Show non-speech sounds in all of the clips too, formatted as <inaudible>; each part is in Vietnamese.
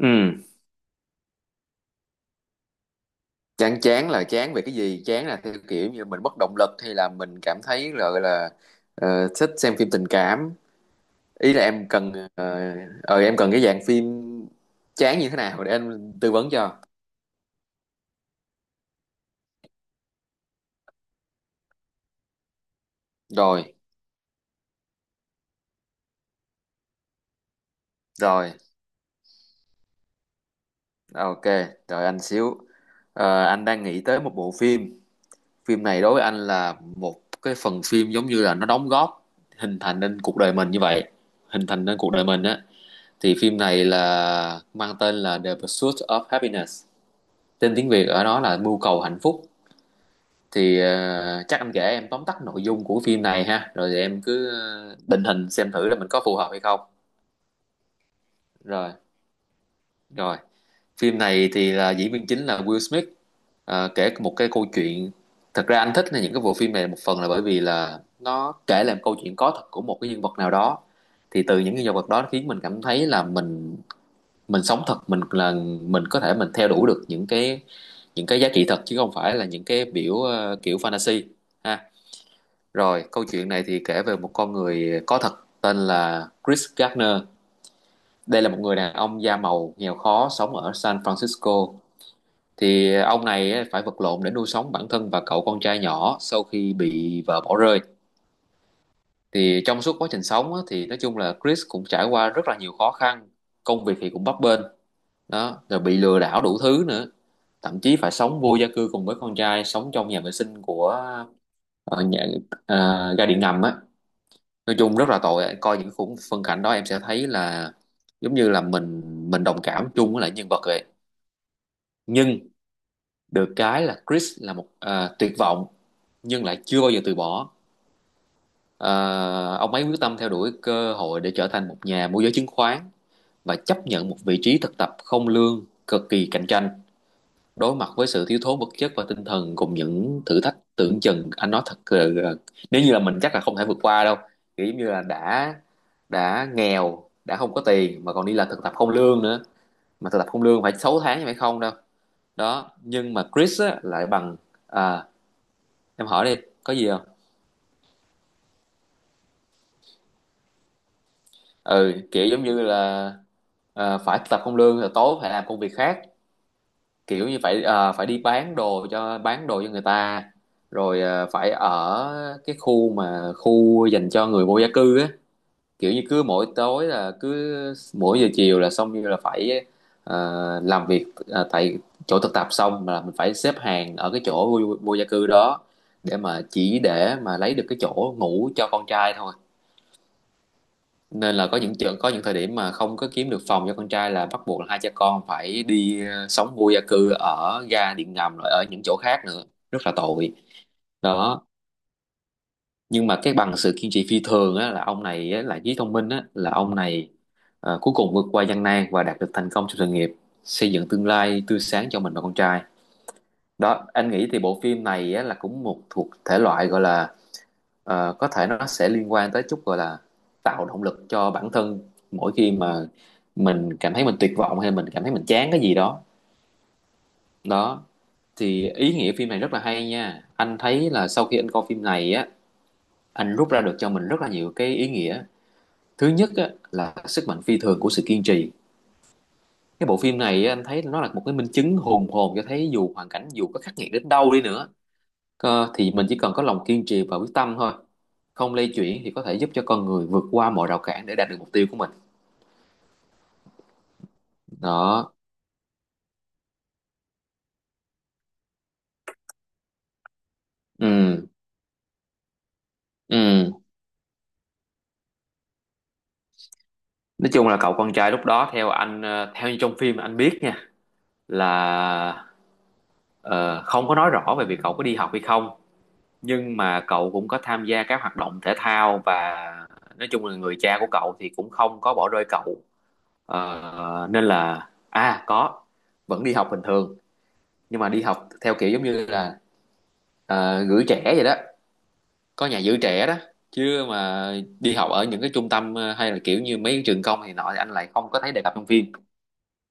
Ừ, chán chán là chán về cái gì? Chán là theo kiểu như mình mất động lực hay là mình cảm thấy là gọi là thích xem phim tình cảm. Ý là em cần em cần cái dạng phim chán như thế nào để anh tư vấn cho. Rồi, rồi. Ok, đợi anh xíu. Anh đang nghĩ tới một bộ phim. Phim này đối với anh là một cái phần phim giống như là nó đóng góp hình thành nên cuộc đời mình như vậy. Hình thành nên cuộc đời mình á. Thì phim này là mang tên là The Pursuit of Happiness, tên tiếng Việt ở đó là Mưu cầu hạnh phúc. Thì chắc anh kể em tóm tắt nội dung của phim này ha, rồi thì em cứ định hình xem thử là mình có phù hợp hay không. Rồi rồi Phim này thì là diễn viên chính là Will Smith. Kể một cái câu chuyện, thật ra anh thích những cái bộ phim này một phần là bởi vì là nó kể lại một câu chuyện có thật của một cái nhân vật nào đó. Thì từ những nhân vật đó khiến mình cảm thấy là mình sống thật, mình là mình có thể, mình theo đuổi được những cái giá trị thật chứ không phải là những cái biểu kiểu fantasy ha. Rồi câu chuyện này thì kể về một con người có thật tên là Chris Gardner. Đây là một người đàn ông da màu nghèo khó sống ở San Francisco. Thì ông này á, phải vật lộn để nuôi sống bản thân và cậu con trai nhỏ sau khi bị vợ bỏ rơi. Thì trong suốt quá trình sống á, thì nói chung là Chris cũng trải qua rất là nhiều khó khăn, công việc thì cũng bấp bênh đó, rồi bị lừa đảo đủ thứ nữa, thậm chí phải sống vô gia cư cùng với con trai, sống trong nhà vệ sinh của nhà, ga điện ngầm á. Nói chung rất là tội, coi những khung phân cảnh đó em sẽ thấy là giống như là mình đồng cảm chung với lại nhân vật vậy. Nhưng được cái là Chris là một tuyệt vọng nhưng lại chưa bao giờ từ bỏ. Ờ, ông ấy quyết tâm theo đuổi cơ hội để trở thành một nhà môi giới chứng khoán và chấp nhận một vị trí thực tập không lương cực kỳ cạnh tranh, đối mặt với sự thiếu thốn vật chất và tinh thần cùng những thử thách tưởng chừng, anh nói thật là, nếu như là mình chắc là không thể vượt qua đâu. Kiểu giống như là đã nghèo, đã không có tiền mà còn đi làm thực tập không lương nữa. Mà thực tập không lương phải 6 tháng chứ phải không đâu. Đó nhưng mà Chris á, lại bằng à, em hỏi đi, có gì không. Ừ, kiểu giống như là phải thực tập không lương rồi tối phải làm công việc khác, kiểu như phải phải đi bán đồ cho, bán đồ cho người ta, rồi phải ở cái khu mà khu dành cho người vô gia cư á. Kiểu như cứ mỗi tối là cứ mỗi giờ chiều là xong, như là phải làm việc tại chỗ thực tập xong là mình phải xếp hàng ở cái chỗ vô gia cư đó, để mà chỉ để mà lấy được cái chỗ ngủ cho con trai thôi. Nên là có những trường, có những thời điểm mà không có kiếm được phòng cho con trai là bắt buộc là hai cha con phải đi sống vô gia cư ở ga điện ngầm rồi ở những chỗ khác nữa, rất là tội đó. Nhưng mà cái bằng sự kiên trì phi thường á, là ông này á, là trí thông minh á, là ông này cuối cùng vượt qua gian nan và đạt được thành công trong sự nghiệp, xây dựng tương lai tươi sáng cho mình và con trai. Đó anh nghĩ thì bộ phim này á, là cũng một thuộc thể loại gọi là có thể nó sẽ liên quan tới chút gọi là tạo động lực cho bản thân mỗi khi mà mình cảm thấy mình tuyệt vọng hay mình cảm thấy mình chán cái gì đó đó. Thì ý nghĩa phim này rất là hay nha, anh thấy là sau khi anh coi phim này á, anh rút ra được cho mình rất là nhiều cái ý nghĩa. Thứ nhất á, là sức mạnh phi thường của sự kiên trì. Cái bộ phim này á, anh thấy nó là một cái minh chứng hùng hồn cho thấy dù hoàn cảnh dù có khắc nghiệt đến đâu đi nữa, thì mình chỉ cần có lòng kiên trì và quyết tâm thôi, không lay chuyển thì có thể giúp cho con người vượt qua mọi rào cản để đạt được mục tiêu của mình đó. Ừ ừ Nói chung là cậu con trai lúc đó theo anh theo như trong phim anh biết nha, là không có nói rõ về việc cậu có đi học hay không, nhưng mà cậu cũng có tham gia các hoạt động thể thao, và nói chung là người cha của cậu thì cũng không có bỏ rơi cậu. Nên là à có, vẫn đi học bình thường, nhưng mà đi học theo kiểu giống như là gửi trẻ vậy đó, có nhà giữ trẻ đó, chứ mà đi học ở những cái trung tâm hay là kiểu như mấy cái trường công thì nọ thì anh lại không có thấy đề cập trong phim.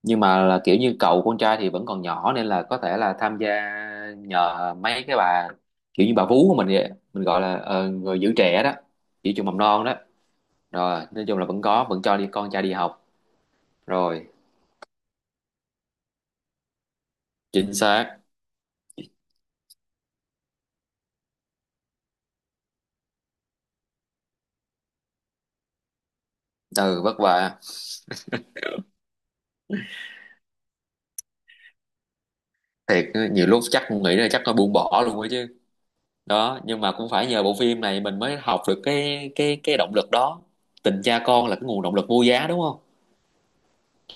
Nhưng mà là kiểu như cậu con trai thì vẫn còn nhỏ nên là có thể là tham gia nhờ mấy cái bà, kiểu như bà vú của mình vậy, mình gọi là người giữ trẻ đó, giữ trường mầm non đó. Rồi nói chung là vẫn có vẫn cho đi con trai đi học. Rồi chính xác. Ừ, vất vả thiệt, nhiều lúc chắc cũng nghĩ là chắc nó buông bỏ luôn á chứ đó. Nhưng mà cũng phải nhờ bộ phim này mình mới học được cái động lực đó. Tình cha con là cái nguồn động lực vô giá đúng không.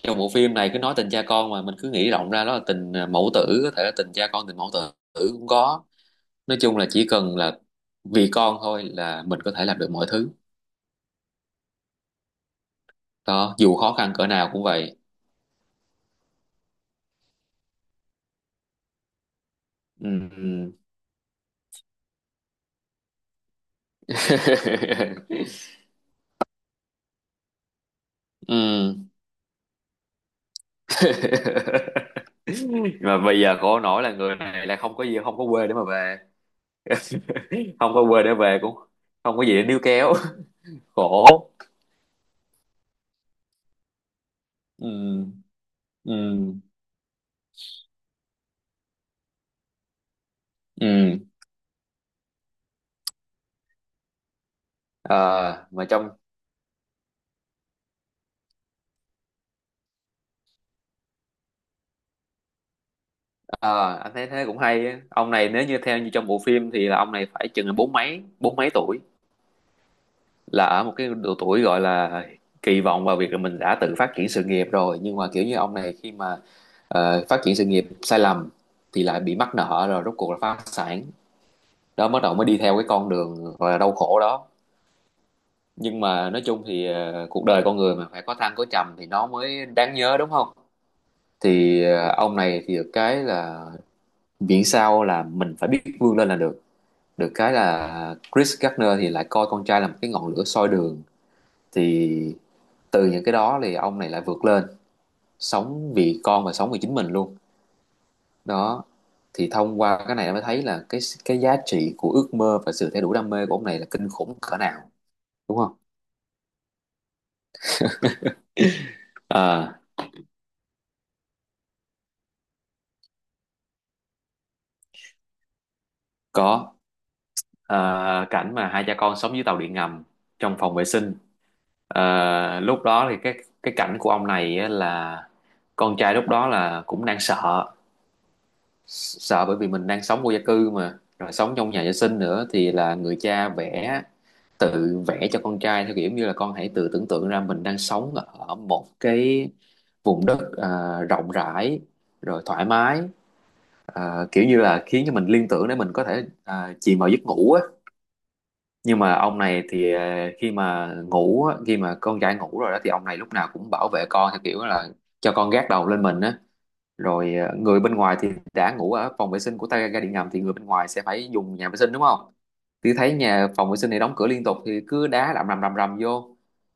Trong bộ phim này cứ nói tình cha con mà mình cứ nghĩ rộng ra đó là tình mẫu tử, có thể là tình cha con, tình mẫu tử cũng có. Nói chung là chỉ cần là vì con thôi là mình có thể làm được mọi thứ đó, dù khó khăn cỡ nào cũng vậy. Ừ. <laughs> Ừ. <laughs> Mà bây giờ khổ nổi là người này là không có gì, không có quê để mà về. <laughs> Không có quê để về, cũng không có gì để níu kéo, khổ. Ừ, ừ, ừ. Ờ, mà trong ờ, anh thấy thế cũng hay á. Ông này nếu như theo như trong bộ phim thì là ông này phải chừng là bốn mấy tuổi, là ở một cái độ tuổi gọi là kỳ vọng vào việc là mình đã tự phát triển sự nghiệp rồi, nhưng mà kiểu như ông này khi mà phát triển sự nghiệp sai lầm thì lại bị mắc nợ rồi rốt cuộc là phá sản đó, bắt đầu mới đi theo cái con đường gọi là đau khổ đó. Nhưng mà nói chung thì cuộc đời con người mà phải có thăng có trầm thì nó mới đáng nhớ đúng không. Thì ông này thì được cái là miễn sao là mình phải biết vươn lên là được. Được cái là Chris Gardner thì lại coi con trai là một cái ngọn lửa soi đường, thì từ những cái đó thì ông này lại vượt lên, sống vì con và sống vì chính mình luôn đó. Thì thông qua cái này mới thấy là cái giá trị của ước mơ và sự theo đuổi đam mê của ông này là kinh khủng cỡ nào, đúng không. Ờ, có. Ờ, Cảnh mà hai cha con sống dưới tàu điện ngầm, trong phòng vệ sinh. Lúc đó thì cái cảnh của ông này á là con trai lúc đó là cũng đang sợ, sợ bởi vì mình đang sống vô gia cư mà rồi sống trong nhà vệ sinh nữa, thì là người cha vẽ, tự vẽ cho con trai theo kiểu như là con hãy tự tưởng tượng ra mình đang sống ở một cái vùng đất rộng rãi, rồi thoải mái, kiểu như là khiến cho mình liên tưởng để mình có thể chìm vào giấc ngủ á. Nhưng mà ông này thì khi mà ngủ á, khi mà con trai Ngủ rồi đó thì ông này lúc nào cũng bảo vệ con theo kiểu là cho con gác đầu lên mình á, rồi người bên ngoài thì đã ngủ ở phòng vệ sinh của ta ga điện ngầm thì người bên ngoài sẽ phải dùng nhà vệ sinh đúng không, thì thấy nhà phòng vệ sinh này đóng cửa liên tục thì cứ đá rầm rầm rầm rầm vô.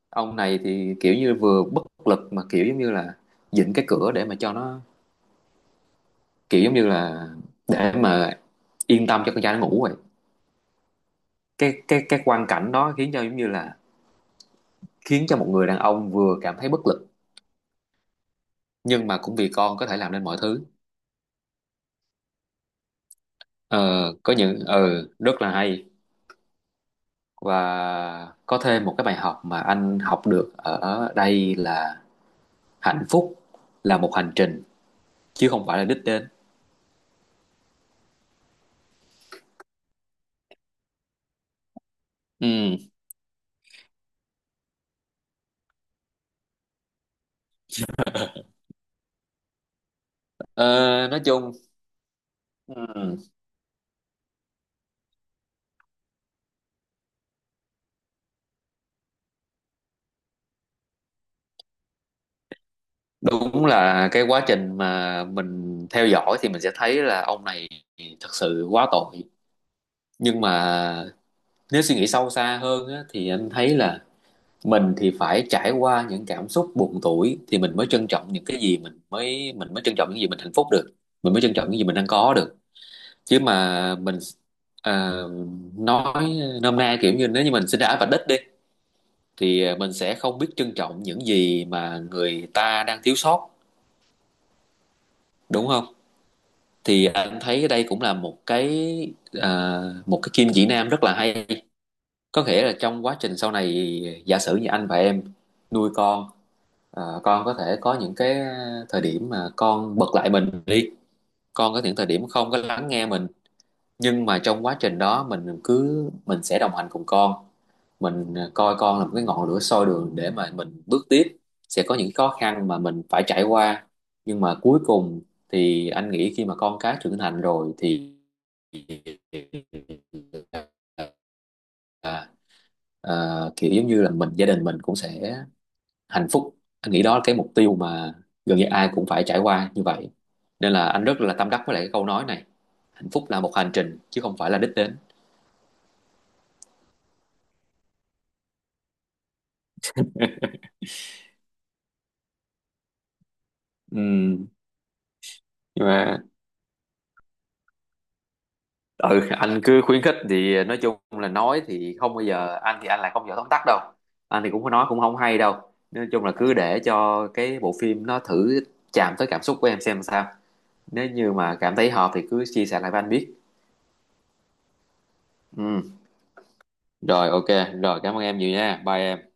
Ông này thì kiểu như vừa bất lực mà kiểu giống như là vịn cái cửa để mà cho nó, kiểu giống như là để mà yên tâm cho con trai nó ngủ rồi. Cái quang cảnh đó khiến cho giống như là khiến cho một người đàn ông vừa cảm thấy bất lực, nhưng mà cũng vì con có thể làm nên mọi thứ. ờ, có những rất là hay. Và có thêm một cái bài học mà anh học được ở đây là hạnh phúc là một hành trình chứ không phải là đích đến. Ừ. ờ, nói chung, ừ, đúng là cái quá trình mà mình theo dõi thì mình sẽ thấy là ông này thật sự quá tội. Nhưng mà nếu suy nghĩ sâu xa hơn á, thì anh thấy là mình thì phải trải qua những cảm xúc buồn tủi thì mình mới trân trọng những cái gì mình mới trân trọng những gì mình hạnh phúc được, mình mới trân trọng những gì mình đang có được. Chứ mà mình, à, nói nôm na kiểu như nếu như mình sinh ra ở vạch đích đi thì mình sẽ không biết trân trọng những gì mà người ta đang thiếu sót, đúng không. Thì anh thấy đây cũng là một cái, à, một cái kim chỉ nam rất là hay. Có nghĩa là trong quá trình sau này giả sử như anh và em nuôi con, ờ, con có thể có những cái thời điểm mà con bật lại mình đi, con có những thời điểm không có lắng nghe mình, nhưng mà trong quá trình đó mình sẽ đồng hành cùng con, mình coi con là một cái ngọn lửa soi đường để mà mình bước tiếp. Sẽ có những khó khăn mà mình phải trải qua, nhưng mà cuối cùng thì anh nghĩ khi mà con cái trưởng thành rồi thì, à, kiểu giống như là gia đình mình cũng sẽ hạnh phúc. Anh nghĩ đó là cái mục tiêu mà gần như ai cũng phải trải qua như vậy, nên là anh rất là tâm đắc với lại cái câu nói này: hạnh phúc là một hành trình chứ không phải là đích đến. Ừ, nhưng mà ừ, anh cứ khuyến khích thì nói chung là nói thì không bao giờ, anh lại không giỏi tóm tắt đâu, anh thì cũng có nói cũng không hay đâu. Nói chung là cứ để cho cái bộ phim nó thử chạm tới cảm xúc của em xem sao. Nếu như mà cảm thấy hợp thì cứ chia sẻ lại với anh biết. Ừ. Rồi, ok. Rồi, cảm ơn em nhiều nha, bye em.